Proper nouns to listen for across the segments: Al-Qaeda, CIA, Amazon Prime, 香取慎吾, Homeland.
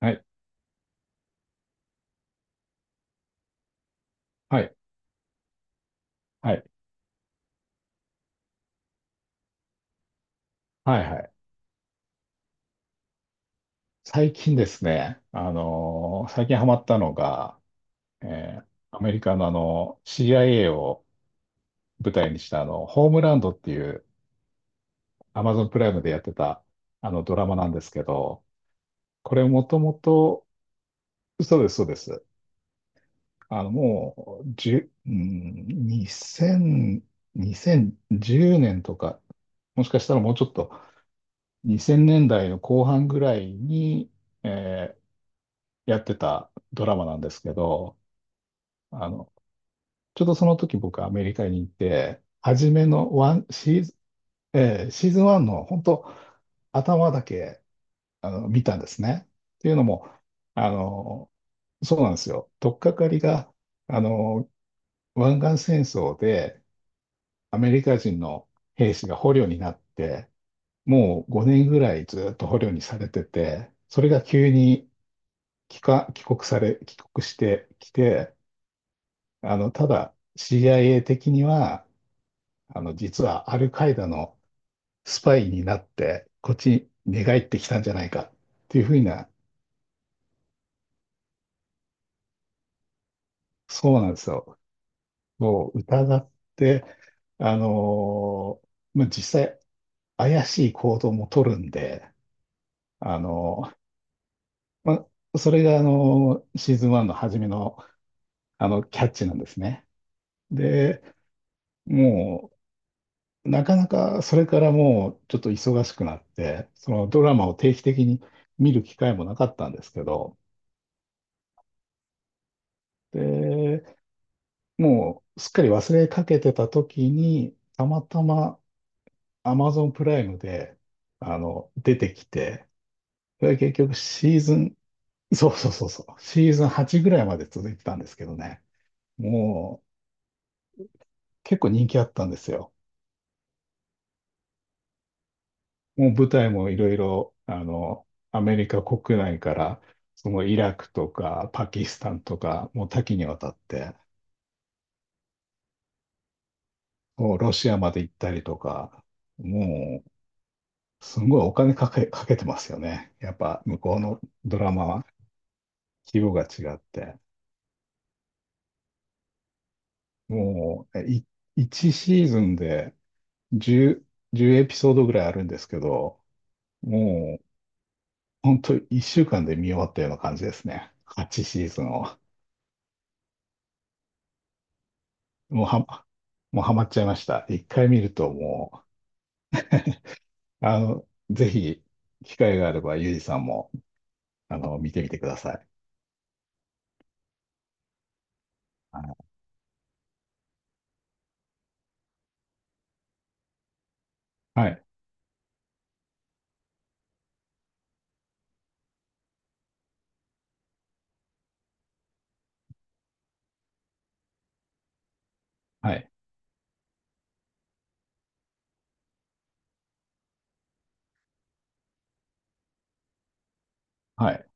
はい、はい、はい、はい、はい。最近ですね、最近ハマったのが、えーアメリカのCIA を舞台にしたホームランドっていう Amazon プライムでやってたあのドラマなんですけど、これもともと、そうです、そうです。もう、じゅ、うん、2000、2010年とか、もしかしたらもうちょっと2000年代の後半ぐらいに、えやってたドラマなんですけど、あの、ちょうどその時僕アメリカに行って、初めのワンシーズン、シーズン1の本当頭だけ見たんですね。っていうのも、あの、そうなんですよ。取っかかりが、あの、湾岸戦争でアメリカ人の兵士が捕虜になって、もう5年ぐらいずっと捕虜にされてて、それが急に帰化帰国され、帰国してきて、ただ CIA 的には、実はアルカイダのスパイになって、こっちに寝返ってきたんじゃないかっていうふうな、そうなんですよ。もう疑って、あのまあ、実際怪しい行動も取るんで、あのまあ、それが、シーズン1の初めの、キャッチなんですね。で、もなかなかそれからもうちょっと忙しくなって、そのドラマを定期的に見る機会もなかったんですけど、で、もうすっかり忘れかけてた時に、たまたま Amazon プライムで、出てきて、それが結局シーズン、そうそうそうそう、シーズン8ぐらいまで続いてたんですけどね、もう結構人気あったんですよ。もう舞台もいろいろ、アメリカ国内から、そのイラクとかパキスタンとか、もう多岐にわたって、もうロシアまで行ったりとか、もう、すごいお金かけ、かけてますよね。やっぱ、向こうのドラマは、規模が違って。もう、1シーズンで10、じゅうエピソードぐらいあるんですけど、もう、本当1週間で見終わったような感じですね。8シーズンを。もうは、もうハマっちゃいました。一回見るともう、ぜひ、機会があれば、ゆうじさんも、見てみてください。はい、はい、はい。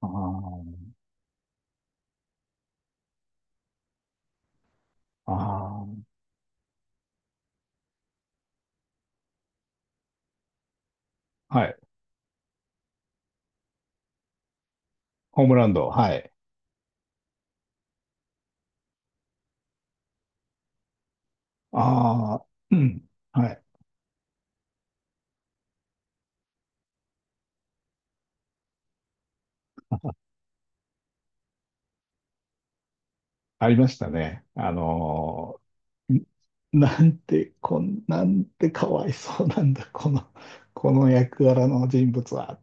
ああ、ああ、はい。ホームランド、はい。ああ、うん、はい。ありましたね。ーなんてかわいそうなんだ、この、役柄の人物は。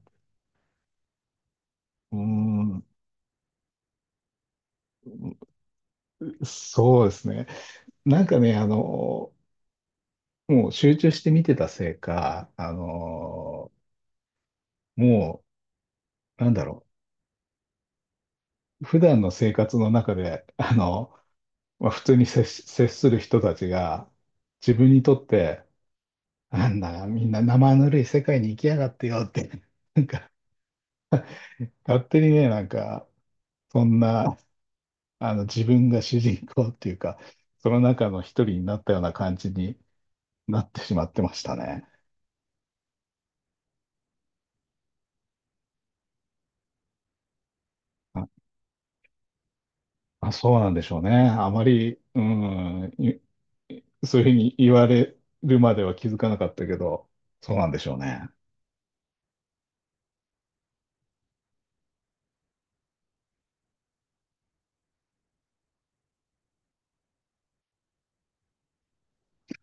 うーん、そうですね。なんかね、もう集中して見てたせいか、もう、なんだろう、普段の生活の中で、まあ、普通に接し、接する人たちが、自分にとって、なんだ、みんな生ぬるい世界に行きやがってよって、なんか、勝手にね、なんか、そんな、自分が主人公っていうか、その中の一人になったような感じになってしまってましたね。あ、あそうなんでしょうね。あまり、そういうふうに言われるまでは気づかなかったけど、そうなんでしょうね。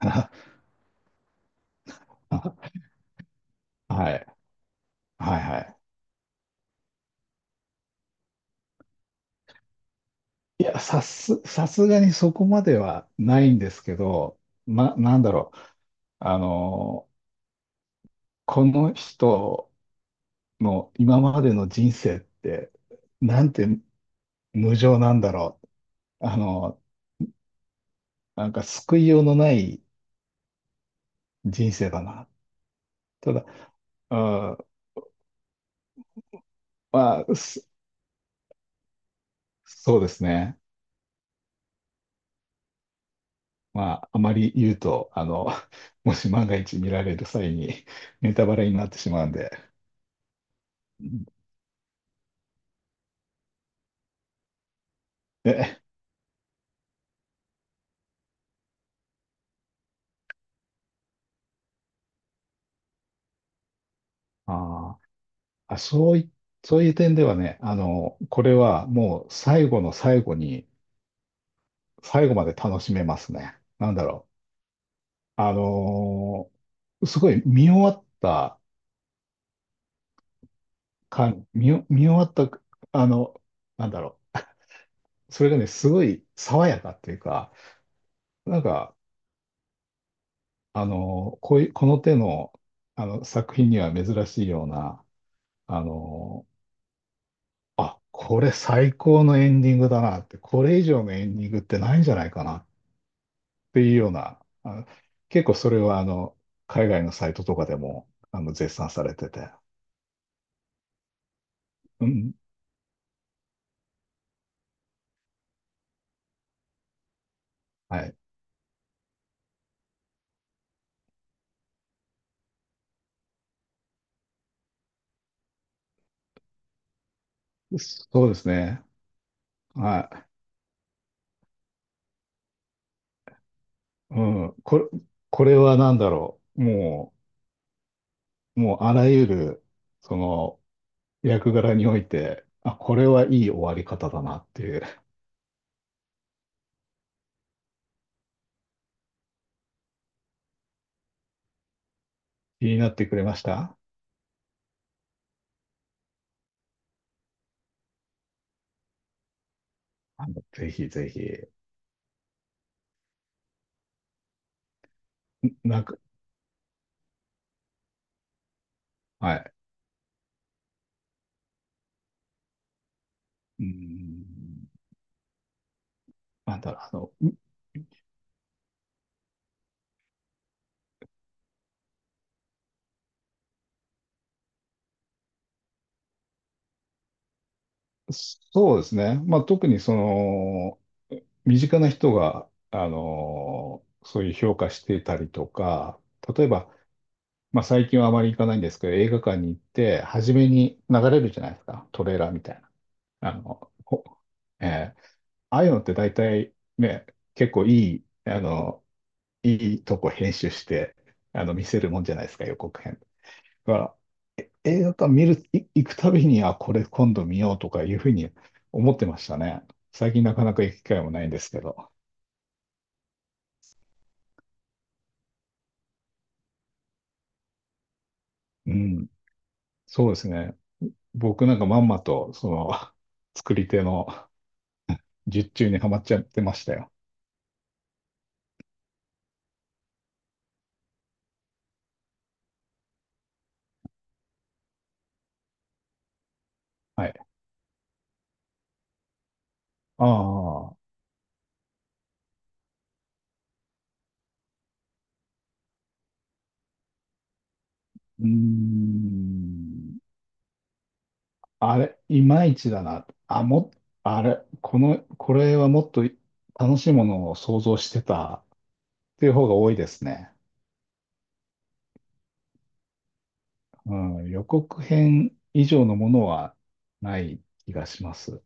はい。はいはい。いや、さすがにそこまではないんですけど、なんだろう。あの、この人の今までの人生って、なんて無情なんだろう。あの、なんか救いようのない人生だな。ただ、うん、まあ、そうですね。まあ、あまり言うと、もし万が一見られる際に ネタバレになってしまうんで、で、あーあ、そうい、そういう点ではね、これはもう最後の最後に、最後まで楽しめますね。なんだろう。すごい見終わった感、見終わった、あの、なんだろう。それがね、すごい爽やかっていうか、なんか、こういう、この手の、作品には珍しいような、あの、あ、これ最高のエンディングだなって、これ以上のエンディングってないんじゃないかなっていうような、結構それは海外のサイトとかでも絶賛されてて、うん、はい。そうですね。はい。うん。これは何だろう。もうあらゆる、その、役柄において、あ、これはいい終わり方だなっていう。気になってくれましたぜひぜひ。なんか、はい。うーん。なんだろう、の、そうですね。まあ、特にその、身近な人が、そういう評価してたりとか、例えば、まあ、最近はあまり行かないんですけど、映画館に行って、初めに流れるじゃないですか。トレーラーみたいな。ほえーああいうのって大体ね、結構いい、あの、いいとこ編集して、見せるもんじゃないですか、予告編。だから、映画館見る、い行くたびに、あ、これ今度見ようとかいうふうに思ってましたね。最近なかなか行く機会もないんですけど。うん。そうですね。僕なんかまんまと、その、作り手の術中にはまっちゃってましたよ。はい。ああ、うーん。あれ、いまいちだな。あ、も、あれ、この、これはもっと楽しいものを想像してたっていう方が多いですね。うん、予告編以上のものはない気がします。